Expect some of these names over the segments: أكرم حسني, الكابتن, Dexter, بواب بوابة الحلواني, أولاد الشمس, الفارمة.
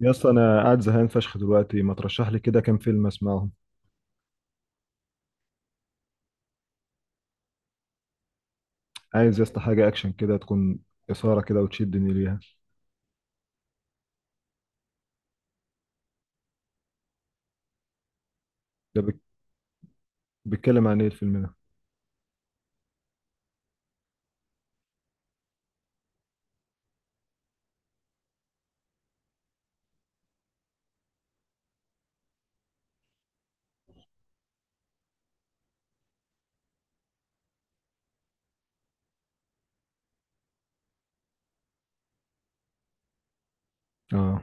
يا اسطى، انا قاعد زهقان فشخ دلوقتي، ما ترشح لي كده كام فيلم اسمعهم؟ عايز يا اسطى حاجه اكشن كده، تكون اثاره كده وتشدني ليها. ده بيك- بيتكلم عن ايه الفيلم ده؟ اه.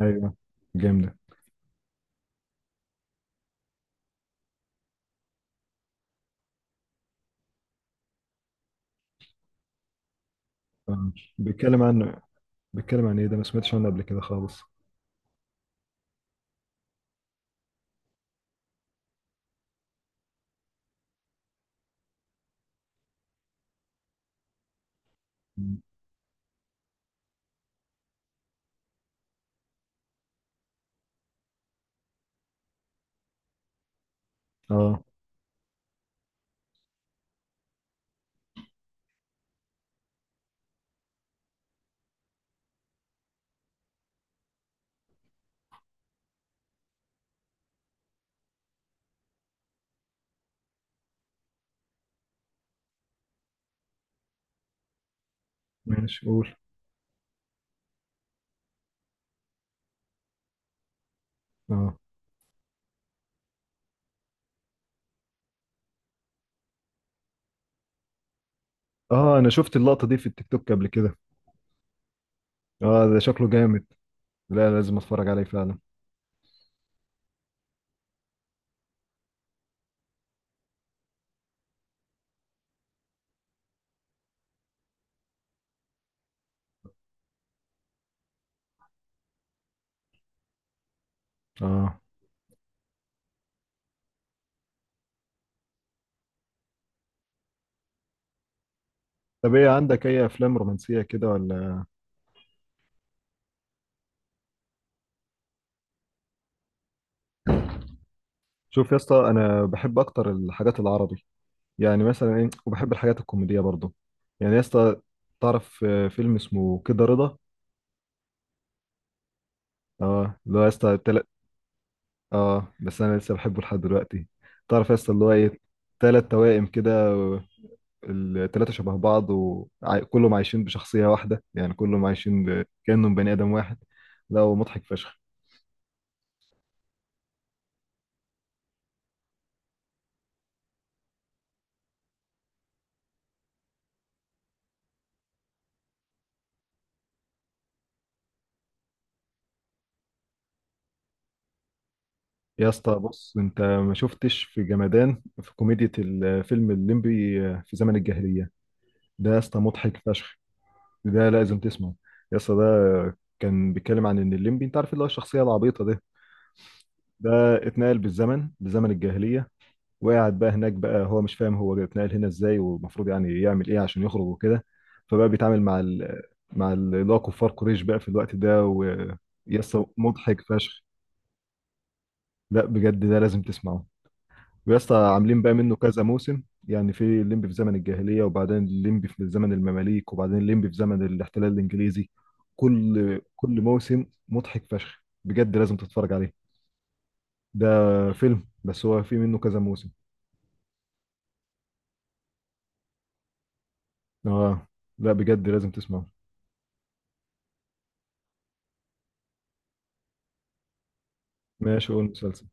ايوه، جامد. آه. بيتكلم عن بيتكلم عن ايه ده؟ ما سمعتش عنه قبل كده خالص. اه، ماشي، قول. اه، اه، انا شفت اللقطه دي في التيك توك قبل كده. اه، ده شكله جامد. لا، لازم اتفرج عليه فعلا. اه، طب ايه، عندك اي افلام رومانسيه كده ولا؟ شوف يا اسطى، انا بحب اكتر الحاجات العربي. يعني مثلا ايه، وبحب الحاجات الكوميديه برضو. يعني يا اسطى، تعرف فيلم اسمه كده رضا؟ اه، اللي هو يا اسطى تلت. اه، بس انا لسه بحبه لحد دلوقتي. تعرف يا اسطى اللي هو ايه؟ تلات توائم كده التلاتة شبه بعض وكلهم عايشين بشخصية واحدة، يعني كلهم عايشين كأنهم بني آدم واحد. لا، ومضحك فشخ. يا اسطى بص، انت ما شفتش في جمدان في كوميديا الفيلم الليمبي في زمن الجاهلية؟ ده يا اسطى مضحك فشخ. ده لازم تسمعه. يا اسطى ده كان بيتكلم عن ان الليمبي، انت عارف، اللي هو الشخصيه العبيطه ده. ده اتنقل بالزمن لزمن الجاهليه. وقعد بقى هناك، بقى هو مش فاهم هو اتنقل هنا ازاي والمفروض يعني يعمل ايه عشان يخرج وكده. فبقى بيتعامل اللي هو كفار قريش بقى في الوقت ده، ويسطا مضحك فشخ. لا بجد، ده لازم تسمعه. ويا اسطى، عاملين بقى منه كذا موسم. يعني في الليمبي في زمن الجاهلية، وبعدين الليمبي في زمن المماليك، وبعدين الليمبي في زمن الاحتلال الإنجليزي. كل موسم مضحك فشخ بجد، لازم تتفرج عليه. ده فيلم، بس هو في منه كذا موسم. اه، لا بجد، لازم تسمعه. ماشي، قول مسلسل.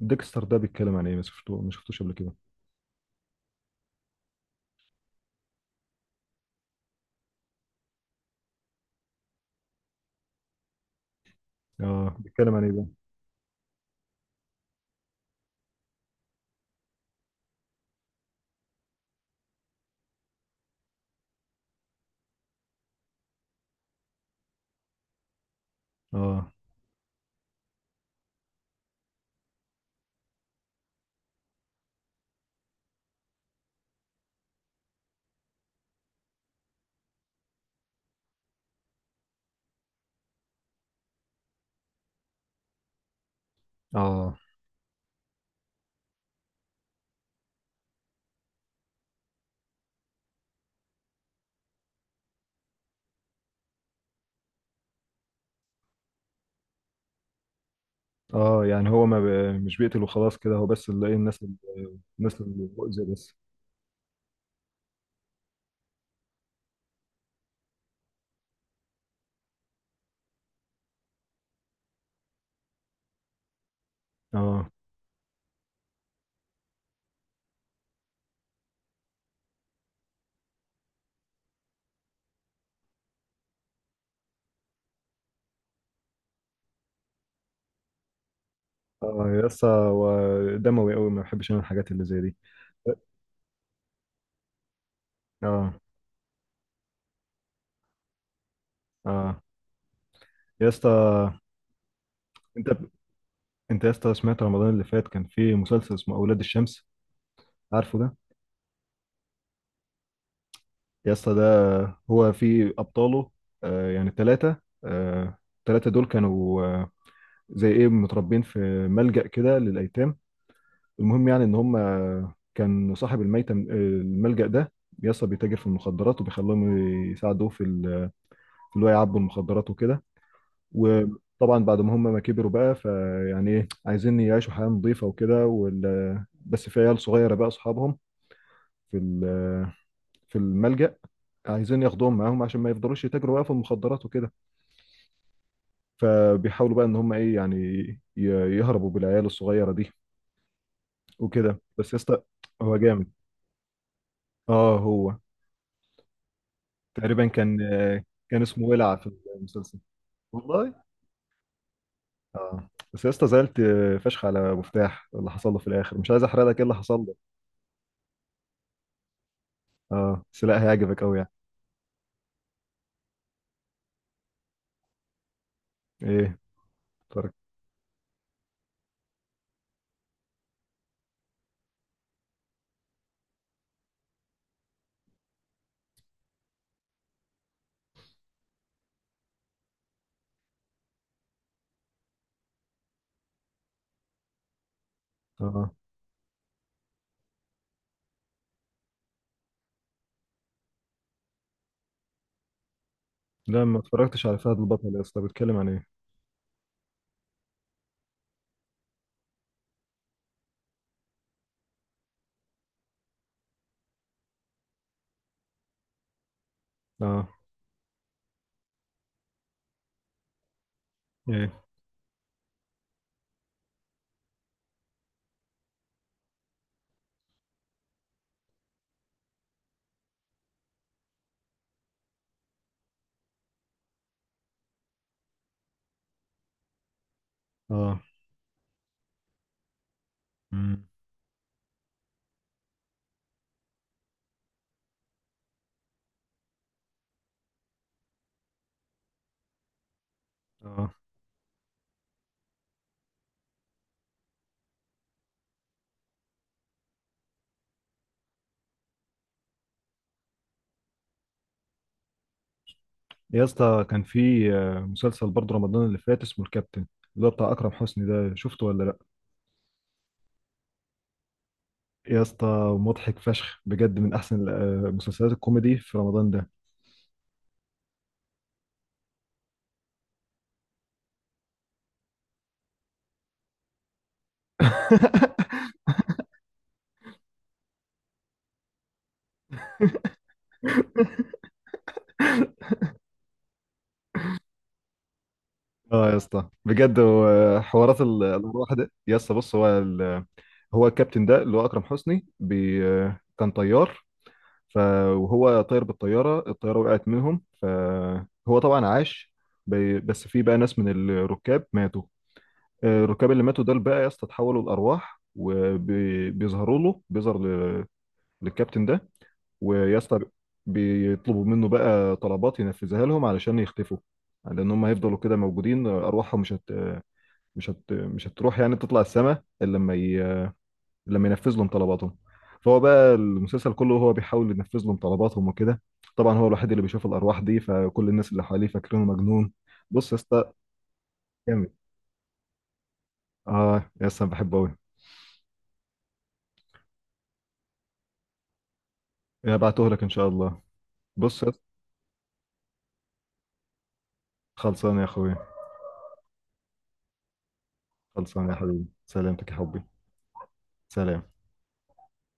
ديكستر ده بيتكلم عن ايه؟ ما شفته، ما شفتوش قبل كده. اه، بيتكلم عن ايه ده؟ اه، اه، اه، يعني هو ما ب... مش بيقتل وخلاص كده هو، بس اللي ايه الناس. الناس المؤذية بس. اه، اه يا اسطى، هو دموي قوي، ما بحبش انا الحاجات اللي زي دي. اه، اه يا اسطى. انت انت يا اسطى، سمعت رمضان اللي فات كان في مسلسل اسمه اولاد الشمس؟ عارفه ده؟ يا اسطى ده، هو في ابطاله يعني ثلاثه دول كانوا زي ايه، متربين في ملجأ كده للايتام. المهم يعني ان هم، كان صاحب الميتة الملجأ ده يا اسطى، بيتاجر في المخدرات وبيخليهم يساعدوه في اللي هو يعبوا المخدرات وكده. وطبعا بعد ما هم ما كبروا بقى، فيعني ايه عايزين يعيشوا حياة نظيفة وكده بس في عيال صغيرة بقى أصحابهم في ال- في الملجأ، عايزين ياخدوهم معاهم عشان ما يفضلوش يتاجروا بقى في المخدرات وكده. فبيحاولوا بقى ان هم ايه يعني، ي- يهربوا بالعيال الصغيرة دي وكده، بس يا اسطى. هو جامد. اه، هو تقريبا كان اسمه ولع في المسلسل. والله. اه، بس يا اسطى، زعلت فشخ على مفتاح اللي حصل له في الاخر، مش عايز احرق لك ايه اللي حصل له. اه بس لا، هيعجبك قوي يعني. ايه؟ اتفرجت. اه، لا ما اتفرجتش على فهد البطل، يا اسطى بيتكلم عن ايه؟ اه. ايه؟ اه. امم. اه. يا اسطى كان في مسلسل برضه رمضان اللي فات اسمه الكابتن. اللي هو بتاع اكرم حسني ده، شفته ولا لا؟ يا اسطى مضحك فشخ بجد، من احسن مسلسلات الكوميدي في رمضان ده. اه يا اسطى بجد، هو حوارات الواحد، يا اسطى بص، هو الكابتن ده اللي هو اكرم حسني كان طيار. ف وهو طاير بالطيارة، الطيارة وقعت منهم، فهو طبعا عاش. بس في بقى ناس من الركاب ماتوا. الركاب اللي ماتوا دول بقى يا اسطى، اتحولوا لأرواح وبيظهروا له، للكابتن ده. ويا اسطى، بيطلبوا منه بقى طلبات ينفذها لهم علشان يختفوا. لأن هم هيفضلوا كده موجودين، أرواحهم مش هتروح يعني تطلع السماء، إلا لما ينفذ لهم طلباتهم. فهو بقى، المسلسل كله هو بيحاول ينفذ لهم طلباتهم وكده. طبعا هو الوحيد اللي بيشوف الارواح دي، فكل الناس اللي حواليه فاكرينه مجنون. بص يا اسطى. جامد. اه يا اسطى، أنا بحبه قوي. هبعته لك ان شاء الله. بص يا اسطى. خلصان يا اخويا. خلصان يا حبيبي، سلامتك يا حبي. سلام.